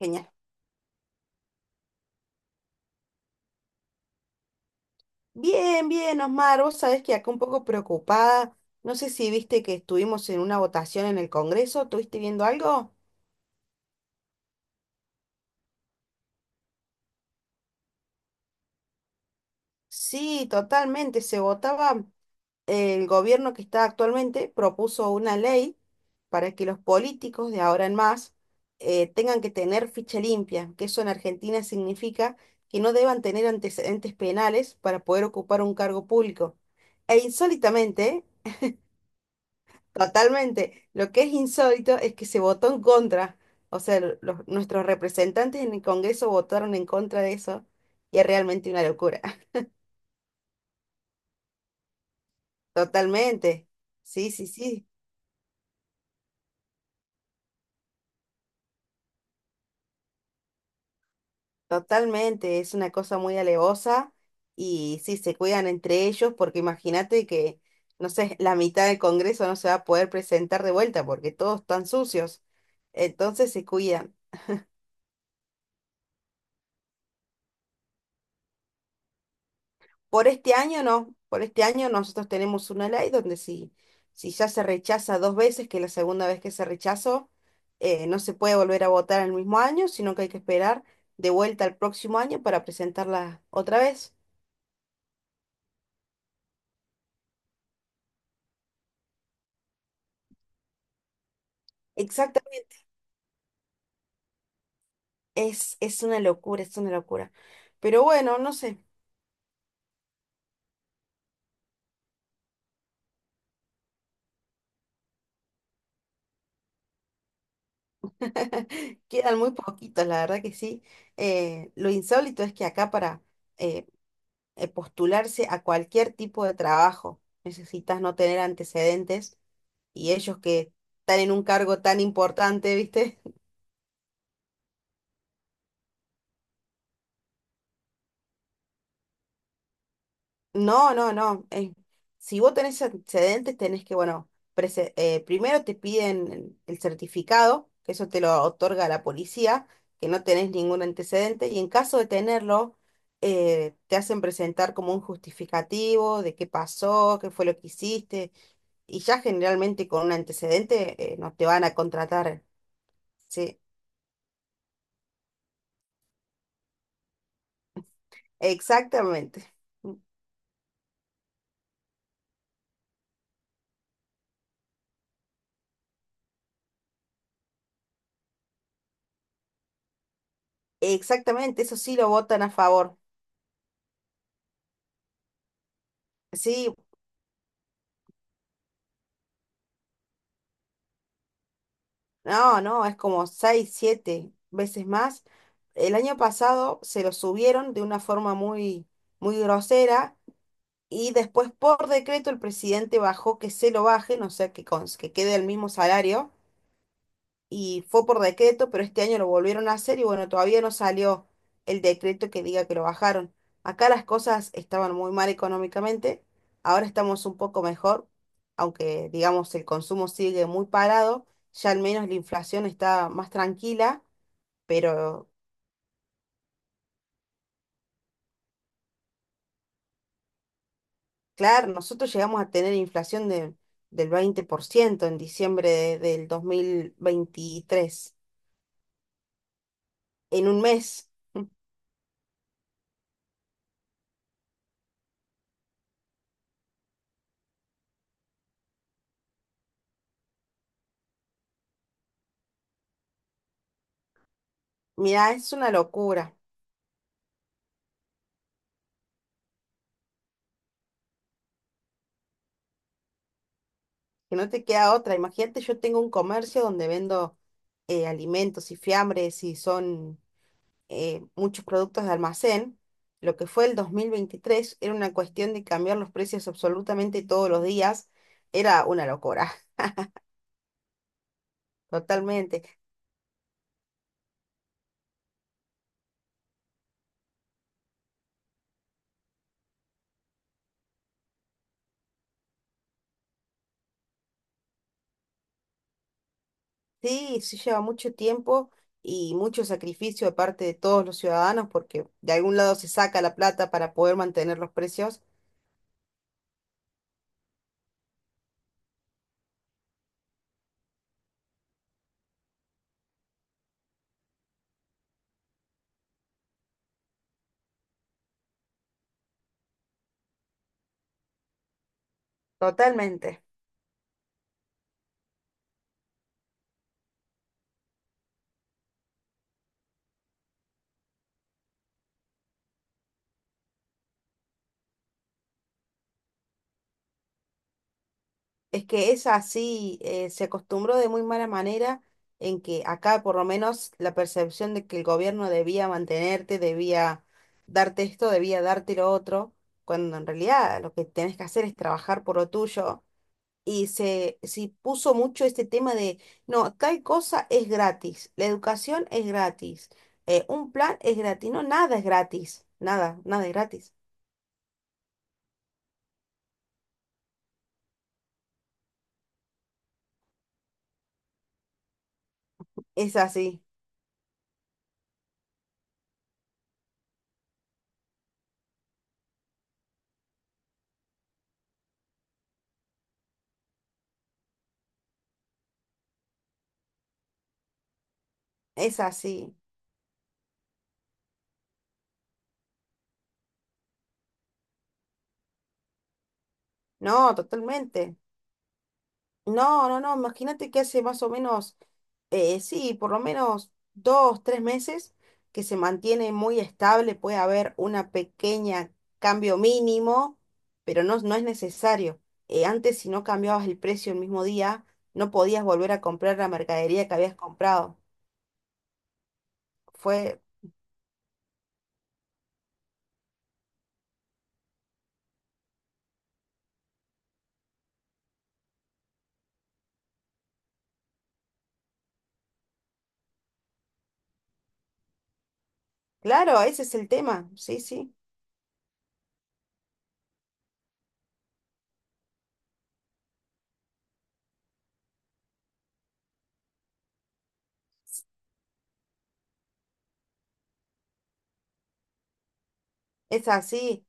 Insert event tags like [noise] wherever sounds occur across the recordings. Genial. Bien, bien, Osmar. Vos sabés que acá un poco preocupada. No sé si viste que estuvimos en una votación en el Congreso. ¿Estuviste viendo algo? Sí, totalmente. Se votaba, el gobierno que está actualmente propuso una ley para que los políticos de ahora en más tengan que tener ficha limpia, que eso en Argentina significa que no deban tener antecedentes penales para poder ocupar un cargo público. E insólitamente, totalmente. Lo que es insólito es que se votó en contra. O sea, los, nuestros representantes en el Congreso votaron en contra de eso y es realmente una locura. [laughs] Totalmente. Sí, sí, sí. Totalmente. Es una cosa muy alevosa y sí, se cuidan entre ellos porque imagínate que, no sé, la mitad del Congreso no se va a poder presentar de vuelta porque todos están sucios. Entonces se cuidan. Por este año no, por este año nosotros tenemos una ley donde si, si ya se rechaza dos veces, que la segunda vez que se rechazó, no se puede volver a votar en el mismo año, sino que hay que esperar de vuelta al próximo año para presentarla otra vez. Exactamente, es una locura, es una locura. Pero bueno, no sé, [laughs] quedan muy poquitos, la verdad que sí. Lo insólito es que acá para eh, postularse a cualquier tipo de trabajo necesitas no tener antecedentes y ellos que están en un cargo tan importante, ¿viste? [laughs] No, no, no. Si vos tenés antecedentes, tenés que, bueno, primero te piden el certificado, que eso te lo otorga la policía, que no tenés ningún antecedente, y en caso de tenerlo, te hacen presentar como un justificativo de qué pasó, qué fue lo que hiciste, y ya generalmente con un antecedente, no te van a contratar. Sí, exactamente. Exactamente, eso sí lo votan a favor. Sí, no, no, es como seis, siete veces más. El año pasado se lo subieron de una forma muy, muy grosera y después por decreto el presidente bajó que se lo bajen, o sea, que, que quede el mismo salario. Y fue por decreto, pero este año lo volvieron a hacer y bueno, todavía no salió el decreto que diga que lo bajaron. Acá las cosas estaban muy mal económicamente, ahora estamos un poco mejor, aunque digamos el consumo sigue muy parado, ya al menos la inflación está más tranquila, pero claro, nosotros llegamos a tener inflación del 20% en diciembre del 2023, en un mes. Mirá, es una locura. Que no te queda otra. Imagínate, yo tengo un comercio donde vendo alimentos y fiambres y son muchos productos de almacén. Lo que fue el 2023 era una cuestión de cambiar los precios absolutamente todos los días. Era una locura, [laughs] totalmente. Sí, sí lleva mucho tiempo y mucho sacrificio de parte de todos los ciudadanos porque de algún lado se saca la plata para poder mantener los precios. Totalmente. Es que es así, se acostumbró de muy mala manera en que acá por lo menos la percepción de que el gobierno debía mantenerte, debía darte esto, debía darte lo otro, cuando en realidad lo que tenés que hacer es trabajar por lo tuyo. Y se puso mucho este tema de, no, tal cosa es gratis, la educación es gratis, un plan es gratis, no, nada es gratis, nada, nada es gratis. Es así, es así, no, totalmente. No, no, no, imagínate que hace más o menos, sí, por lo menos dos, tres meses que se mantiene muy estable, puede haber una pequeña cambio mínimo, pero no, no es necesario. Antes si no cambiabas el precio el mismo día, no podías volver a comprar la mercadería que habías comprado. Fue, claro, ese es el tema, sí, sí, es así.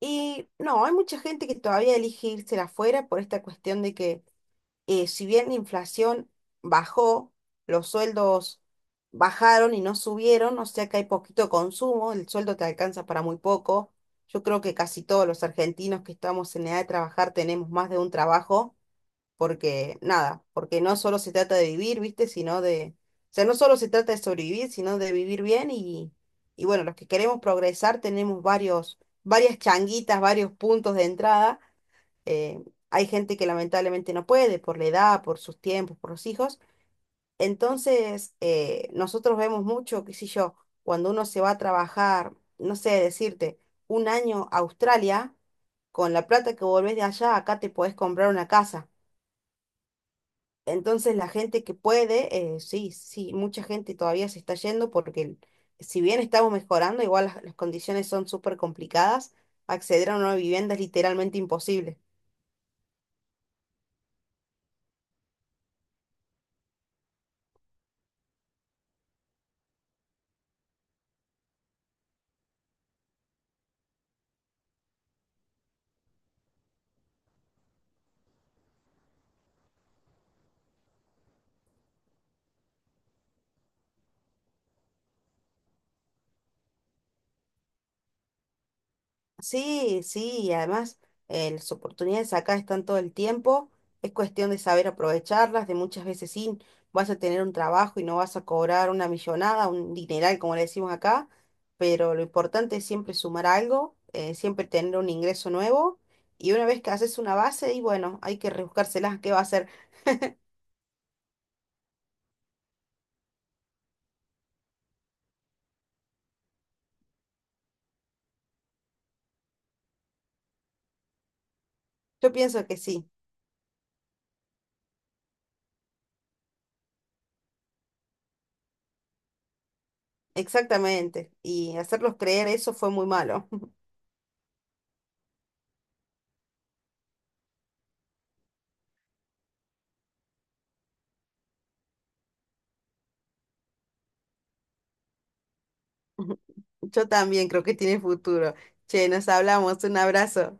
Y no, hay mucha gente que todavía elige irse afuera por esta cuestión de que si bien la inflación bajó, los sueldos bajaron y no subieron, o sea que hay poquito consumo, el sueldo te alcanza para muy poco. Yo creo que casi todos los argentinos que estamos en edad de trabajar tenemos más de un trabajo, porque nada, porque no solo se trata de vivir, ¿viste? Sino de, o sea, no solo se trata de sobrevivir, sino de vivir bien y bueno, los que queremos progresar tenemos varias changuitas, varios puntos de entrada eh, hay gente que lamentablemente no puede por la edad, por sus tiempos, por los hijos. Entonces, nosotros vemos mucho, qué sé yo, cuando uno se va a trabajar, no sé, decirte, un año a Australia, con la plata que volvés de allá, acá te podés comprar una casa. Entonces, la gente que puede, sí, sí, mucha gente todavía se está yendo porque si bien estamos mejorando, igual las condiciones son súper complicadas, acceder a una vivienda es literalmente imposible. Sí, sí, y además las oportunidades acá están todo el tiempo, es cuestión de saber aprovecharlas, de muchas veces sí, vas a tener un trabajo y no vas a cobrar una millonada, un dineral como le decimos acá, pero lo importante es siempre sumar algo, siempre tener un ingreso nuevo y una vez que haces una base, y bueno, hay que rebuscárselas, ¿qué va a hacer? Yo pienso que sí, exactamente, y hacerlos creer eso fue muy malo. [laughs] Yo también creo que tiene futuro. Che, nos hablamos, un abrazo.